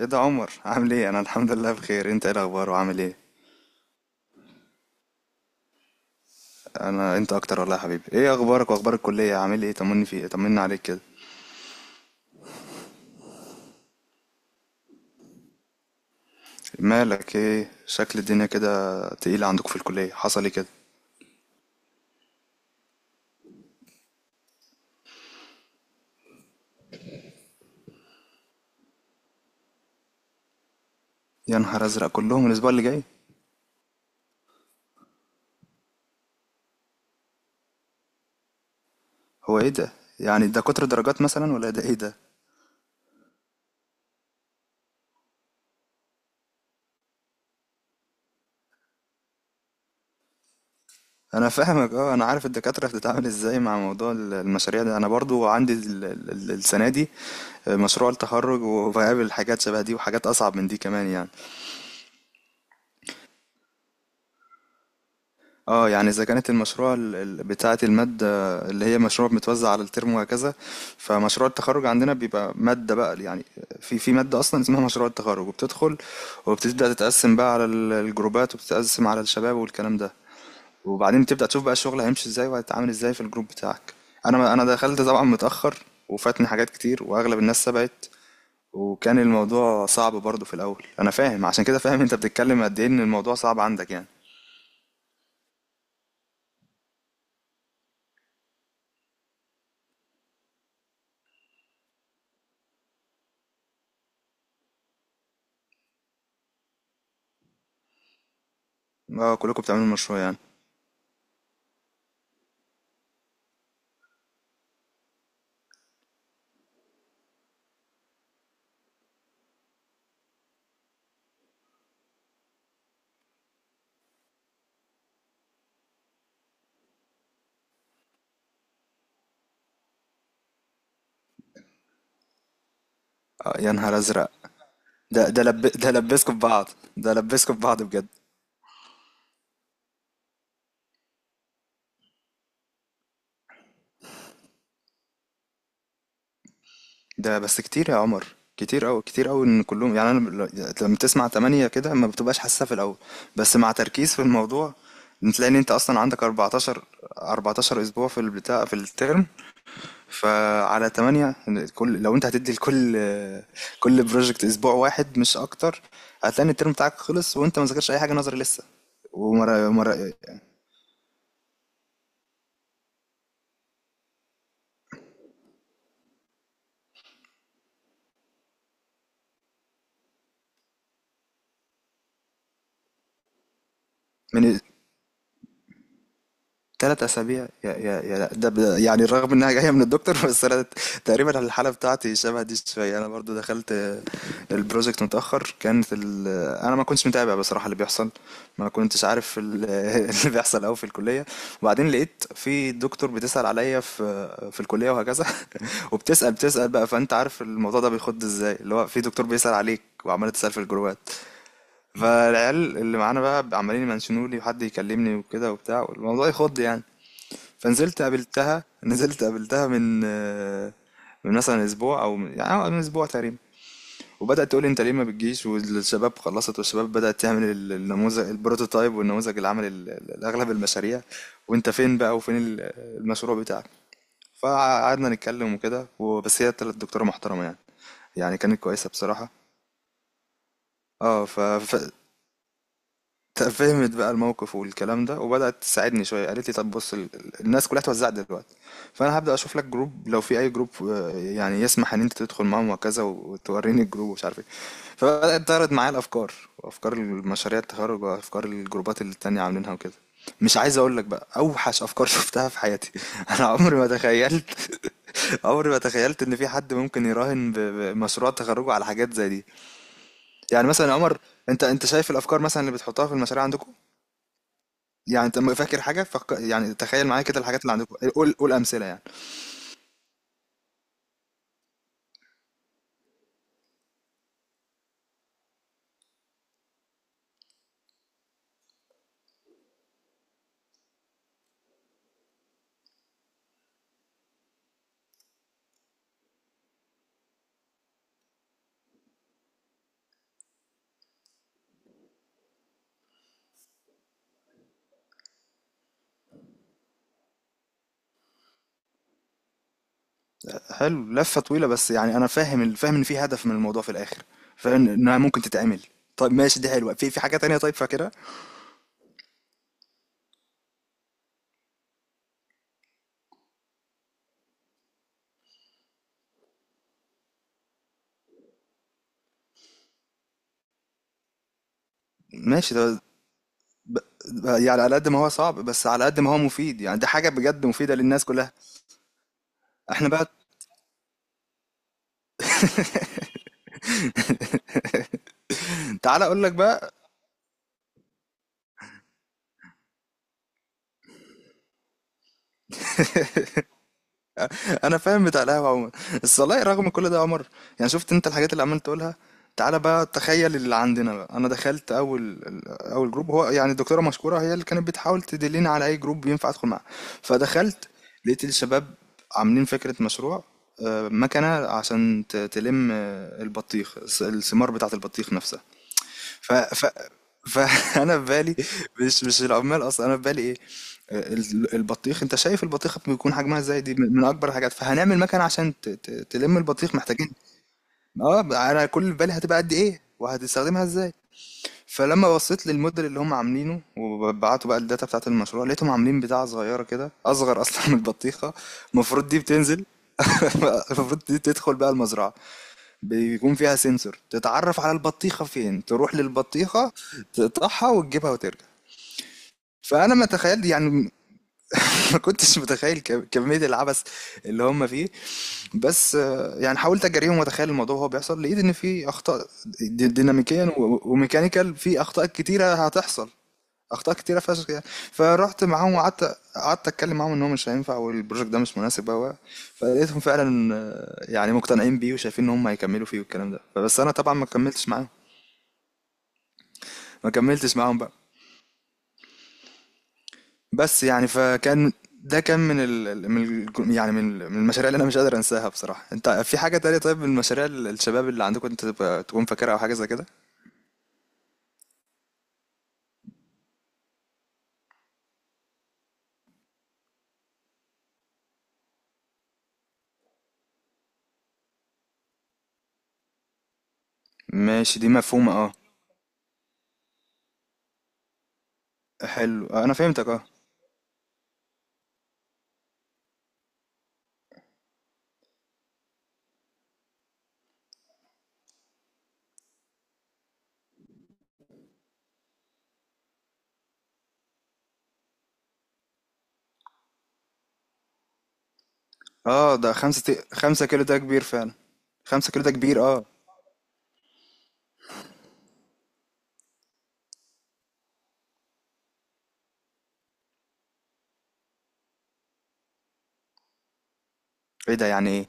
ايه ده عمر؟ عامل ايه؟ انا الحمد لله بخير. انت ايه الاخبار وعامل ايه؟ انا انت اكتر والله يا حبيبي. ايه اخبارك واخبار الكليه؟ عامل ايه؟ طمني عليك كده. مالك؟ ايه شكل الدنيا كده تقيله عندك في الكليه؟ حصل ايه كده؟ يا نهار ازرق، كلهم الاسبوع اللي جاي؟ هو ايه ده؟ يعني ده كتر درجات مثلا، ولا ده ايه ده؟ انا فاهمك اه. انا عارف الدكاتره بتتعامل ازاي مع موضوع المشاريع ده. انا برضو عندي السنه دي مشروع التخرج، وبقابل حاجات شبه دي وحاجات اصعب من دي كمان يعني. اه يعني اذا كانت المشروع بتاعة المادة، اللي هي مشروع متوزع على الترم وهكذا، فمشروع التخرج عندنا بيبقى مادة بقى يعني. في مادة اصلا اسمها مشروع التخرج، وبتدخل وبتبدأ تتقسم بقى على الجروبات، وبتتقسم على الشباب والكلام ده. وبعدين بتبدأ تشوف بقى الشغل هيمشي ازاي وهيتعامل ازاي في الجروب بتاعك. انا دخلت طبعا متأخر، وفاتني حاجات كتير، واغلب الناس سبقت. وكان الموضوع صعب برضه في الاول، انا فاهم. عشان كده فاهم انت بتتكلم قد ايه، ان الموضوع صعب عندك يعني. اه كلكم بتعملوا مشروع يعني. يا نهار ازرق. ده لبسكوا في بعض، ده لبسكوا في بعض بجد. ده بس كتير يا عمر، كتير أوي كتير أوي ان كلهم يعني. انا لما تسمع تمانية كده ما بتبقاش حاسسها في الاول، بس مع تركيز في الموضوع تلاقي ان انت اصلا عندك 14 اسبوع في البتاع في الترم، فعلى تمانية. كل لو انت هتدي لكل كل بروجكت اسبوع واحد مش اكتر. هتلاقي ان الترم بتاعك خلص وانت ما ذاكرتش اي حاجه نظري لسه. ومرة مرة، من 3 أسابيع، يا يا يا ده يعني، رغم إنها جاية من الدكتور بس أنا تقريبا الحالة بتاعتي شبه دي شوية. أنا برضو دخلت البروجكت متأخر. كانت أنا ما كنتش متابع بصراحة اللي بيحصل. ما كنتش عارف اللي بيحصل أوي في الكلية. وبعدين لقيت في دكتور بتسأل عليا في الكلية وهكذا وبتسأل بقى. فأنت عارف الموضوع ده بيخد إزاي، اللي هو في دكتور بيسأل عليك وعمال تسأل في الجروبات، فالعيال اللي معانا بقى عمالين يمنشنوا لي، وحد يكلمني وكده وبتاع، والموضوع يخض يعني. فنزلت قابلتها نزلت قابلتها من آه، من مثلا اسبوع، او من يعني من اسبوع تقريبا. وبدات تقول لي انت ليه ما بتجيش، والشباب خلصت، والشباب بدات تعمل النموذج البروتوتايب، والنموذج اللي عمل اغلب المشاريع. وانت فين بقى؟ وفين المشروع بتاعك؟ فقعدنا نتكلم وكده، وبس هي طلعت دكتوره محترمه يعني. يعني كانت كويسه بصراحه. اه فهمت بقى الموقف والكلام ده، وبدأت تساعدني شوية. قالت لي طب بص، الناس كلها اتوزعت دلوقتي، فأنا هبدأ أشوف لك جروب، لو في أي جروب يعني يسمح إن أنت تدخل معاهم وكذا، وتوريني الجروب ومش عارف إيه. فبدأت تعرض معايا الأفكار، وأفكار المشاريع التخرج، وأفكار الجروبات اللي التانية عاملينها وكده. مش عايز أقول لك بقى أوحش أفكار شفتها في حياتي. أنا عمري ما تخيلت عمري ما تخيلت إن في حد ممكن يراهن بمشروع تخرجه على حاجات زي دي. يعني مثلا يا عمر، أنت شايف الأفكار مثلا اللي بتحطها في المشاريع عندكم. يعني انت فاكر حاجة يعني، تخيل معايا كده الحاجات اللي عندكم، قول قول أمثلة يعني. حلو، لفة طويلة بس. يعني أنا فاهم فاهم إن في هدف من الموضوع في الآخر، فاهم إنها ممكن تتعمل. طيب ماشي، دي حلوة. في حاجة تانية طيب فاكرها؟ ماشي ده ب... يعني على قد ما هو صعب، بس على قد ما هو مفيد. يعني ده حاجة بجد مفيدة للناس كلها. احنا بقى تعالى أقول لك بقى. انا فاهم بتاع القهوه عموما. بس والله رغم كل ده يا عمر، يعني شفت انت الحاجات اللي عمال تقولها. تعالى بقى تخيل اللي عندنا بقى. انا دخلت اول جروب، هو يعني الدكتوره مشكوره هي اللي كانت بتحاول تدلني على اي جروب ينفع ادخل معاه. فدخلت لقيت الشباب عاملين فكره مشروع، مكنه عشان تلم البطيخ، الثمار بتاعه البطيخ نفسها. ف ف فانا في بالي، مش العمال اصلا، انا في بالي ايه؟ البطيخ، انت شايف البطيخه بيكون حجمها ازاي؟ دي من اكبر الحاجات. فهنعمل مكنه عشان تلم البطيخ، محتاجين. اه انا كل اللي في بالي، هتبقى قد ايه وهتستخدمها ازاي. فلما بصيت للموديل اللي هم عاملينه، وبعتوا بقى الداتا بتاعت المشروع، لقيتهم عاملين بتاعه صغيره كده، اصغر اصلا من البطيخه. المفروض دي بتنزل، المفروض دي تدخل بقى المزرعه، بيكون فيها سنسور تتعرف على البطيخة فين، تروح للبطيخة، تقطعها وتجيبها وترجع. فأنا ما تخيل يعني. ما كنتش متخيل كمية العبث اللي هم فيه. بس يعني حاولت أجاريهم، وأتخيل الموضوع وهو بيحصل، لقيت إن في أخطاء ديناميكيا وميكانيكال، في أخطاء كتيرة هتحصل، اخطاء كتيره فشخ يعني. فرحت معاهم قعدت اتكلم معاهم ان هو مش هينفع، والبروجكت ده مش مناسب هو. فلقيتهم فعلا يعني مقتنعين بيه، وشايفين ان هم هيكملوا فيه والكلام ده. فبس انا طبعا ما كملتش معاهم، بقى. بس يعني فكان ده، كان من ال من ال يعني من ال- من المشاريع اللي انا مش قادر انساها بصراحه. انت في حاجه تانية طيب، من المشاريع الشباب اللي عندكم، انت تبقى تكون فاكرها او حاجه زي كده؟ ماشي دي مفهومه اه. حلو انا فهمتك اه. اه ده خمسة 5 كيلو ده كبير فعلا. 5 كيلو ده كبير اه. ايه ده يعني ايه؟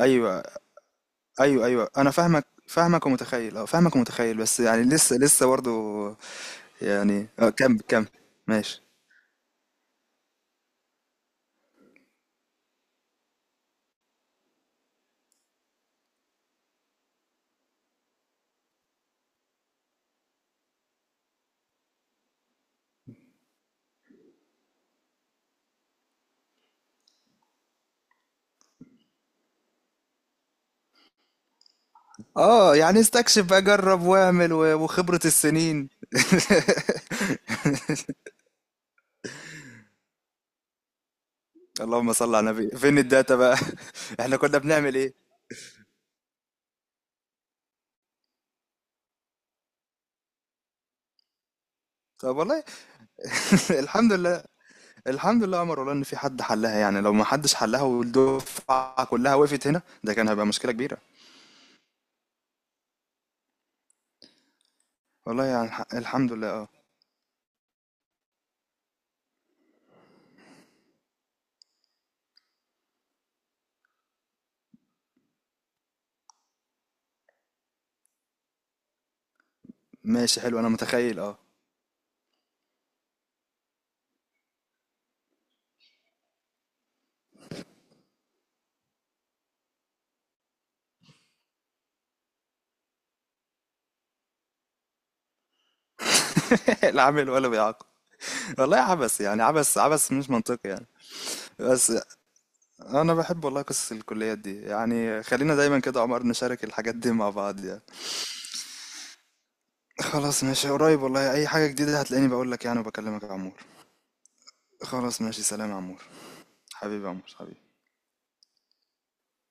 ايوه ايوه ايوه، انا فاهمك فاهمك ومتخيل اه، فاهمك ومتخيل. بس يعني لسه لسه برضو. يعني اه كمل كمل. ماشي. اه يعني استكشف بقى، جرب واعمل، وخبرة السنين اللهم صل على النبي، فين الداتا بقى؟ احنا كنا بنعمل ايه؟ طب والله الحمد لله، الحمد لله يا عمر، والله ان في حد حلها يعني. لو ما حدش حلها والدفعه كلها وقفت هنا، ده كان هيبقى مشكله كبيره. والله يعني الحمد لله اه. ماشي، حلو انا متخيل اه. لا عامل ولا بيعاقب والله، عبث يعني، عبث عبث مش منطقي يعني. بس انا بحب والله قصص الكليات دي يعني. خلينا دايما كده يا عمر نشارك الحاجات دي مع بعض يعني. خلاص ماشي، قريب والله. اي حاجة جديدة هتلاقيني بقول لك يعني، وبكلمك يا عمور. خلاص ماشي، سلام يا عمور. حبيبي يا عمور، حبيبي.